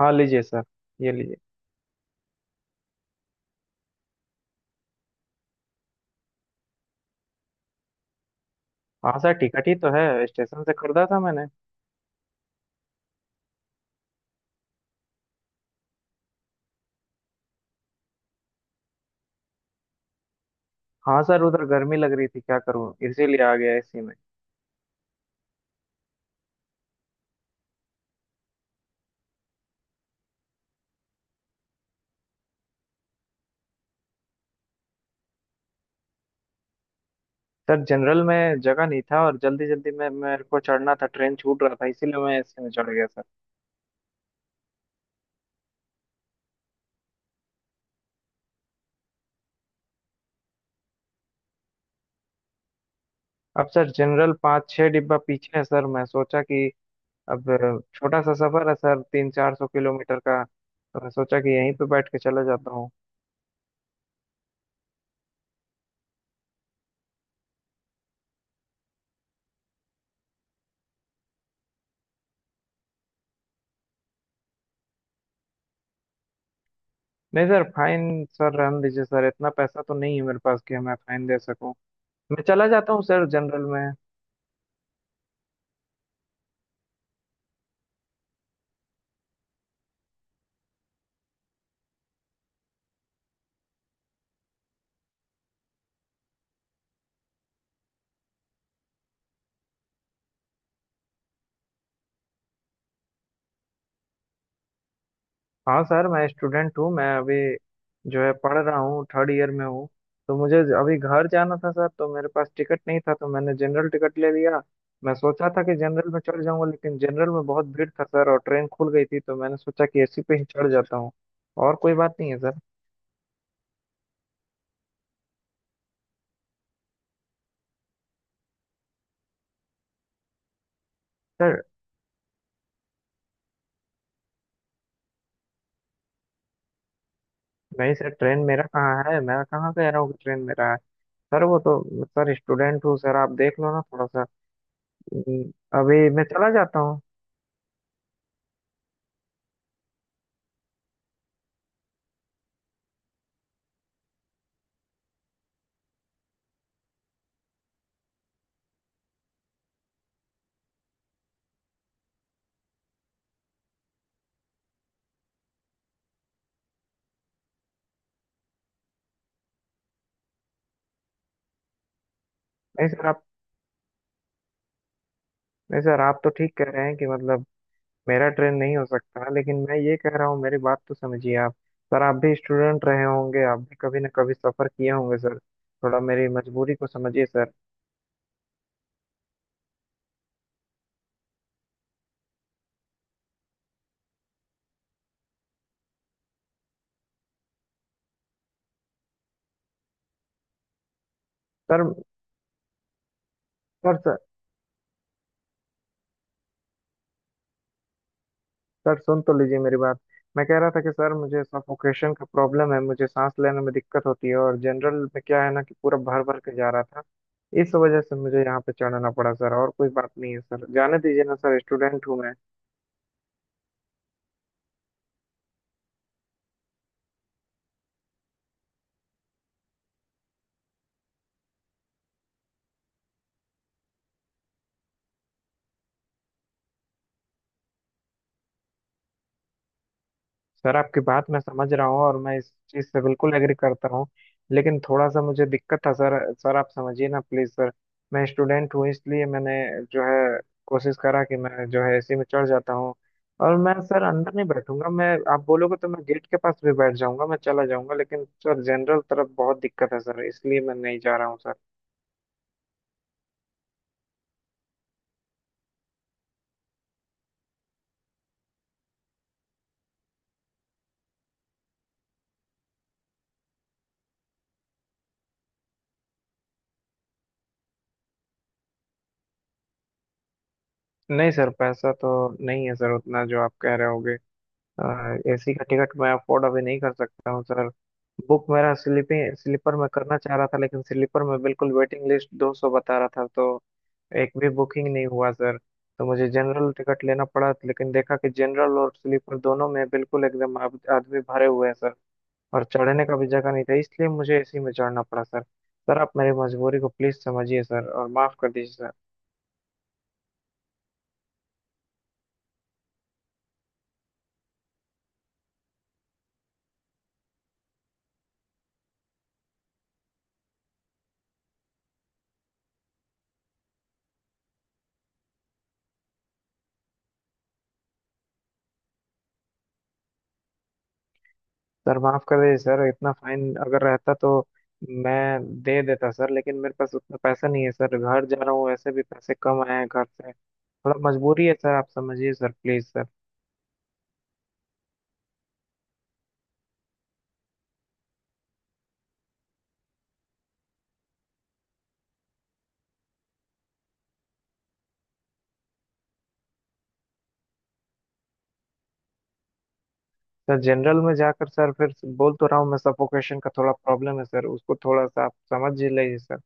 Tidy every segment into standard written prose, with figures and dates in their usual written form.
हाँ लीजिए सर। ये लीजिए। हाँ सर टिकट ही तो है, स्टेशन से खरीदा था मैंने। हाँ सर उधर गर्मी लग रही थी, क्या करूँ, इसीलिए आ गया इसी में। सर जनरल में जगह नहीं था और जल्दी जल्दी में मेरे को चढ़ना था, ट्रेन छूट रहा था, इसीलिए मैं एसी में चढ़ गया सर। अब सर जनरल पाँच छः डिब्बा पीछे है सर, मैं सोचा कि अब छोटा सा सफर है सर, 300-400 किलोमीटर का, तो मैं सोचा कि यहीं पे बैठ के चला जाता हूँ। नहीं सर फाइन, सर रहने दीजिए सर, इतना पैसा तो नहीं है मेरे पास कि मैं फाइन दे सकूँ। मैं चला जाता हूँ सर जनरल में। हाँ सर मैं स्टूडेंट हूँ, मैं अभी जो है पढ़ रहा हूँ, थर्ड ईयर में हूँ। तो मुझे अभी घर जाना था सर, तो मेरे पास टिकट नहीं था तो मैंने जनरल टिकट ले लिया। मैं सोचा था कि जनरल में चढ़ जाऊंगा, लेकिन जनरल में बहुत भीड़ था सर, और ट्रेन खुल गई थी, तो मैंने सोचा कि एसी पे ही चढ़ जाता हूँ, और कोई बात नहीं है सर। सर नहीं सर ट्रेन मेरा कहाँ है, मैं कहाँ कह रहा हूँ कि ट्रेन मेरा है। सर वो तो, सर स्टूडेंट हूँ सर, आप देख लो ना थोड़ा सा। हम्म, अभी मैं चला जाता हूँ। नहीं सर आप नहीं सर आप तो ठीक कह रहे हैं कि मतलब मेरा ट्रेन नहीं हो सकता, लेकिन मैं ये कह रहा हूँ, मेरी बात तो समझिए आप। सर आप भी स्टूडेंट रहे होंगे, आप भी कभी ना कभी सफर किए होंगे सर, थोड़ा मेरी मजबूरी को समझिए sir sir sir sir sir सुन तो लीजिए मेरी बात। मैं कह रहा था कि सर मुझे सफोकेशन का प्रॉब्लम है, मुझे सांस लेने में दिक्कत होती है, और जनरल में क्या है ना कि पूरा भर भर के जा रहा था। इस वजह से मुझे यहाँ पे चढ़ना पड़ा सर, और कोई बात नहीं है सर, जाने दीजिए ना सर, स्टूडेंट हूँ मैं। सर आपकी बात मैं समझ रहा हूँ और मैं इस चीज़ से बिल्कुल एग्री करता हूँ, लेकिन थोड़ा सा मुझे दिक्कत था सर। सर आप समझिए ना प्लीज़ सर। मैं स्टूडेंट हूँ, इसलिए मैंने जो है कोशिश करा कि मैं जो है एसी में चढ़ जाता हूँ। और मैं सर अंदर नहीं बैठूंगा, मैं आप बोलोगे तो मैं गेट के पास भी बैठ जाऊंगा, मैं चला जाऊंगा, लेकिन सर जनरल तरफ बहुत दिक्कत है सर, इसलिए मैं नहीं जा रहा हूँ सर। नहीं सर पैसा तो नहीं है सर उतना जो आप कह रहे होगे, एसी का टिकट मैं अफोर्ड अभी नहीं कर सकता हूँ सर। बुक मेरा स्लीपिंग स्लीपर में करना चाह रहा था, लेकिन स्लीपर में बिल्कुल वेटिंग लिस्ट 200 बता रहा था, तो एक भी बुकिंग नहीं हुआ सर। तो मुझे जनरल टिकट लेना पड़ा, लेकिन देखा कि जनरल और स्लीपर दोनों में बिल्कुल एकदम आदमी भरे हुए हैं सर, और चढ़ने का भी जगह नहीं था, इसलिए मुझे एसी में चढ़ना पड़ा सर। सर आप मेरी मजबूरी को प्लीज समझिए सर और माफ कर दीजिए सर। सर माफ कर दीजिए सर, इतना फाइन अगर रहता तो मैं दे देता सर, लेकिन मेरे पास उतना पैसा नहीं है सर, घर जा रहा हूँ, वैसे भी पैसे कम आए हैं घर से, थोड़ा मजबूरी है सर, आप समझिए sir please sir. Sir general में जाकर सर फिर बोल तो रहा हूँ, मैं सफोकेशन का थोड़ा प्रॉब्लम है सर, उसको थोड़ा सा आप समझ ही लीजिए सर।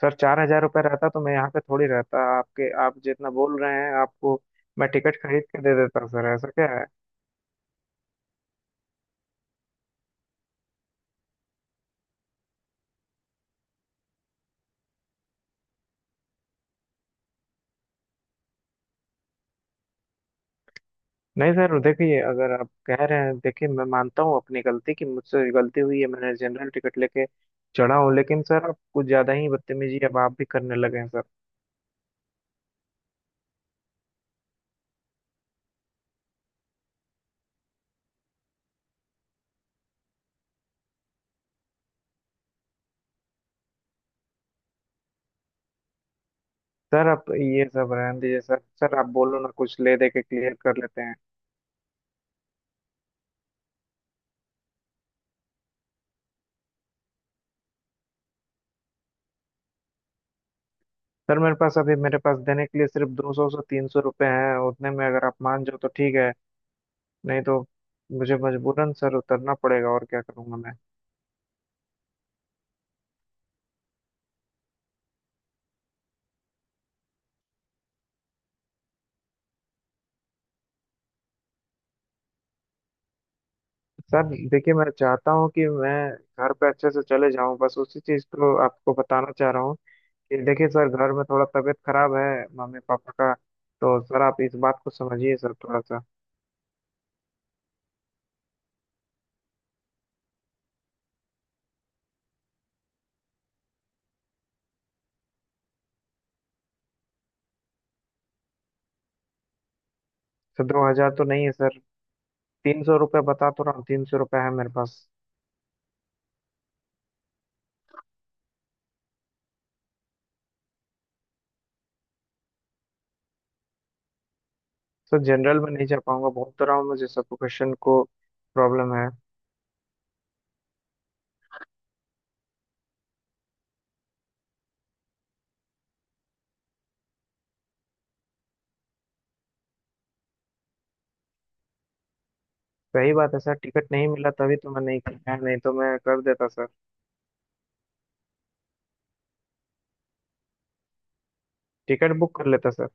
सर 4000 रुपये रहता तो मैं यहाँ पे थोड़ी रहता आपके, आप जितना बोल रहे हैं आपको मैं टिकट खरीद के दे देता सर, ऐसा क्या है। नहीं सर देखिए, अगर आप कह रहे हैं, देखिए मैं मानता हूँ अपनी गलती कि मुझसे गलती हुई है, मैंने जनरल टिकट लेके चढ़ा हूँ, लेकिन सर आप कुछ ज्यादा ही बदतमीजी अब आप भी करने लगे हैं सर। सर आप ये सब रहने दीजिए सर, सर आप बोलो ना, कुछ ले दे के क्लियर कर लेते हैं। सर मेरे पास देने के लिए सिर्फ 200 से 300 रुपये हैं, उतने में अगर आप मान जाओ तो ठीक है। नहीं तो मुझे मजबूरन सर उतरना पड़ेगा, और क्या करूँगा मैं। सर देखिए मैं चाहता हूँ कि मैं घर पे अच्छे से चले जाऊँ, बस उसी चीज़ को आपको बताना चाह रहा हूँ। ये देखिए सर घर में थोड़ा तबीयत खराब है, मम्मी पापा का। तो सर आप इस बात को समझिए सर थोड़ा सा। सर 2000 तो नहीं है सर, 300 रुपये बता तो रहा हूँ, 300 रुपये है मेरे पास। सर जनरल में नहीं जा पाऊंगा, बोल तो रहा हूँ मुझे सफोकेशन को प्रॉब्लम है। सही बात है सर, टिकट नहीं मिला तभी तो मैं नहीं किया, नहीं तो मैं कर देता सर, टिकट बुक कर लेता सर।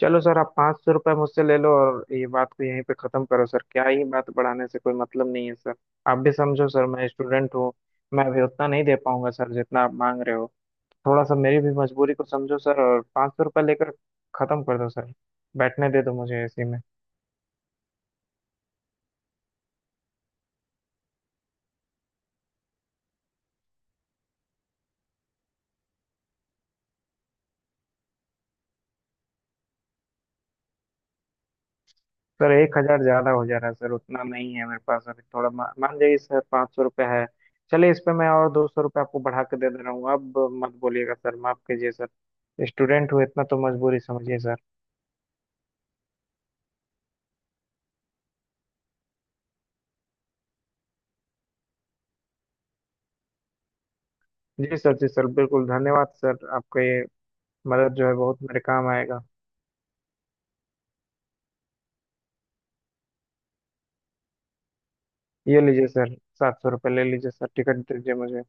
चलो सर आप 500 रुपये मुझसे ले लो और ये बात को यहीं पे ख़त्म करो सर, क्या ही बात बढ़ाने से कोई मतलब नहीं है सर। आप भी समझो सर मैं स्टूडेंट हूँ, मैं अभी उतना नहीं दे पाऊंगा सर जितना आप मांग रहे हो, थोड़ा सा मेरी भी मजबूरी को समझो सर और 500 रुपये लेकर ख़त्म कर दो सर। बैठने दे दो मुझे इसी में। सर 1000 ज़्यादा हो जा रहा है सर, उतना नहीं है मेरे पास अभी, थोड़ा मान जाइए सर, 500 रुपये है। चलिए इस पे मैं और 200 रुपये आपको बढ़ा के दे दे रहा हूँ, अब मत बोलिएगा सर, माफ़ कीजिए सर, स्टूडेंट हूँ इतना तो मजबूरी समझिए सर। जी सर, जी सर, बिल्कुल, धन्यवाद सर, आपका ये मदद जो है बहुत मेरे काम आएगा। ये लीजिए सर, 700 रुपये ले लीजिए सर, टिकट दीजिए मुझे।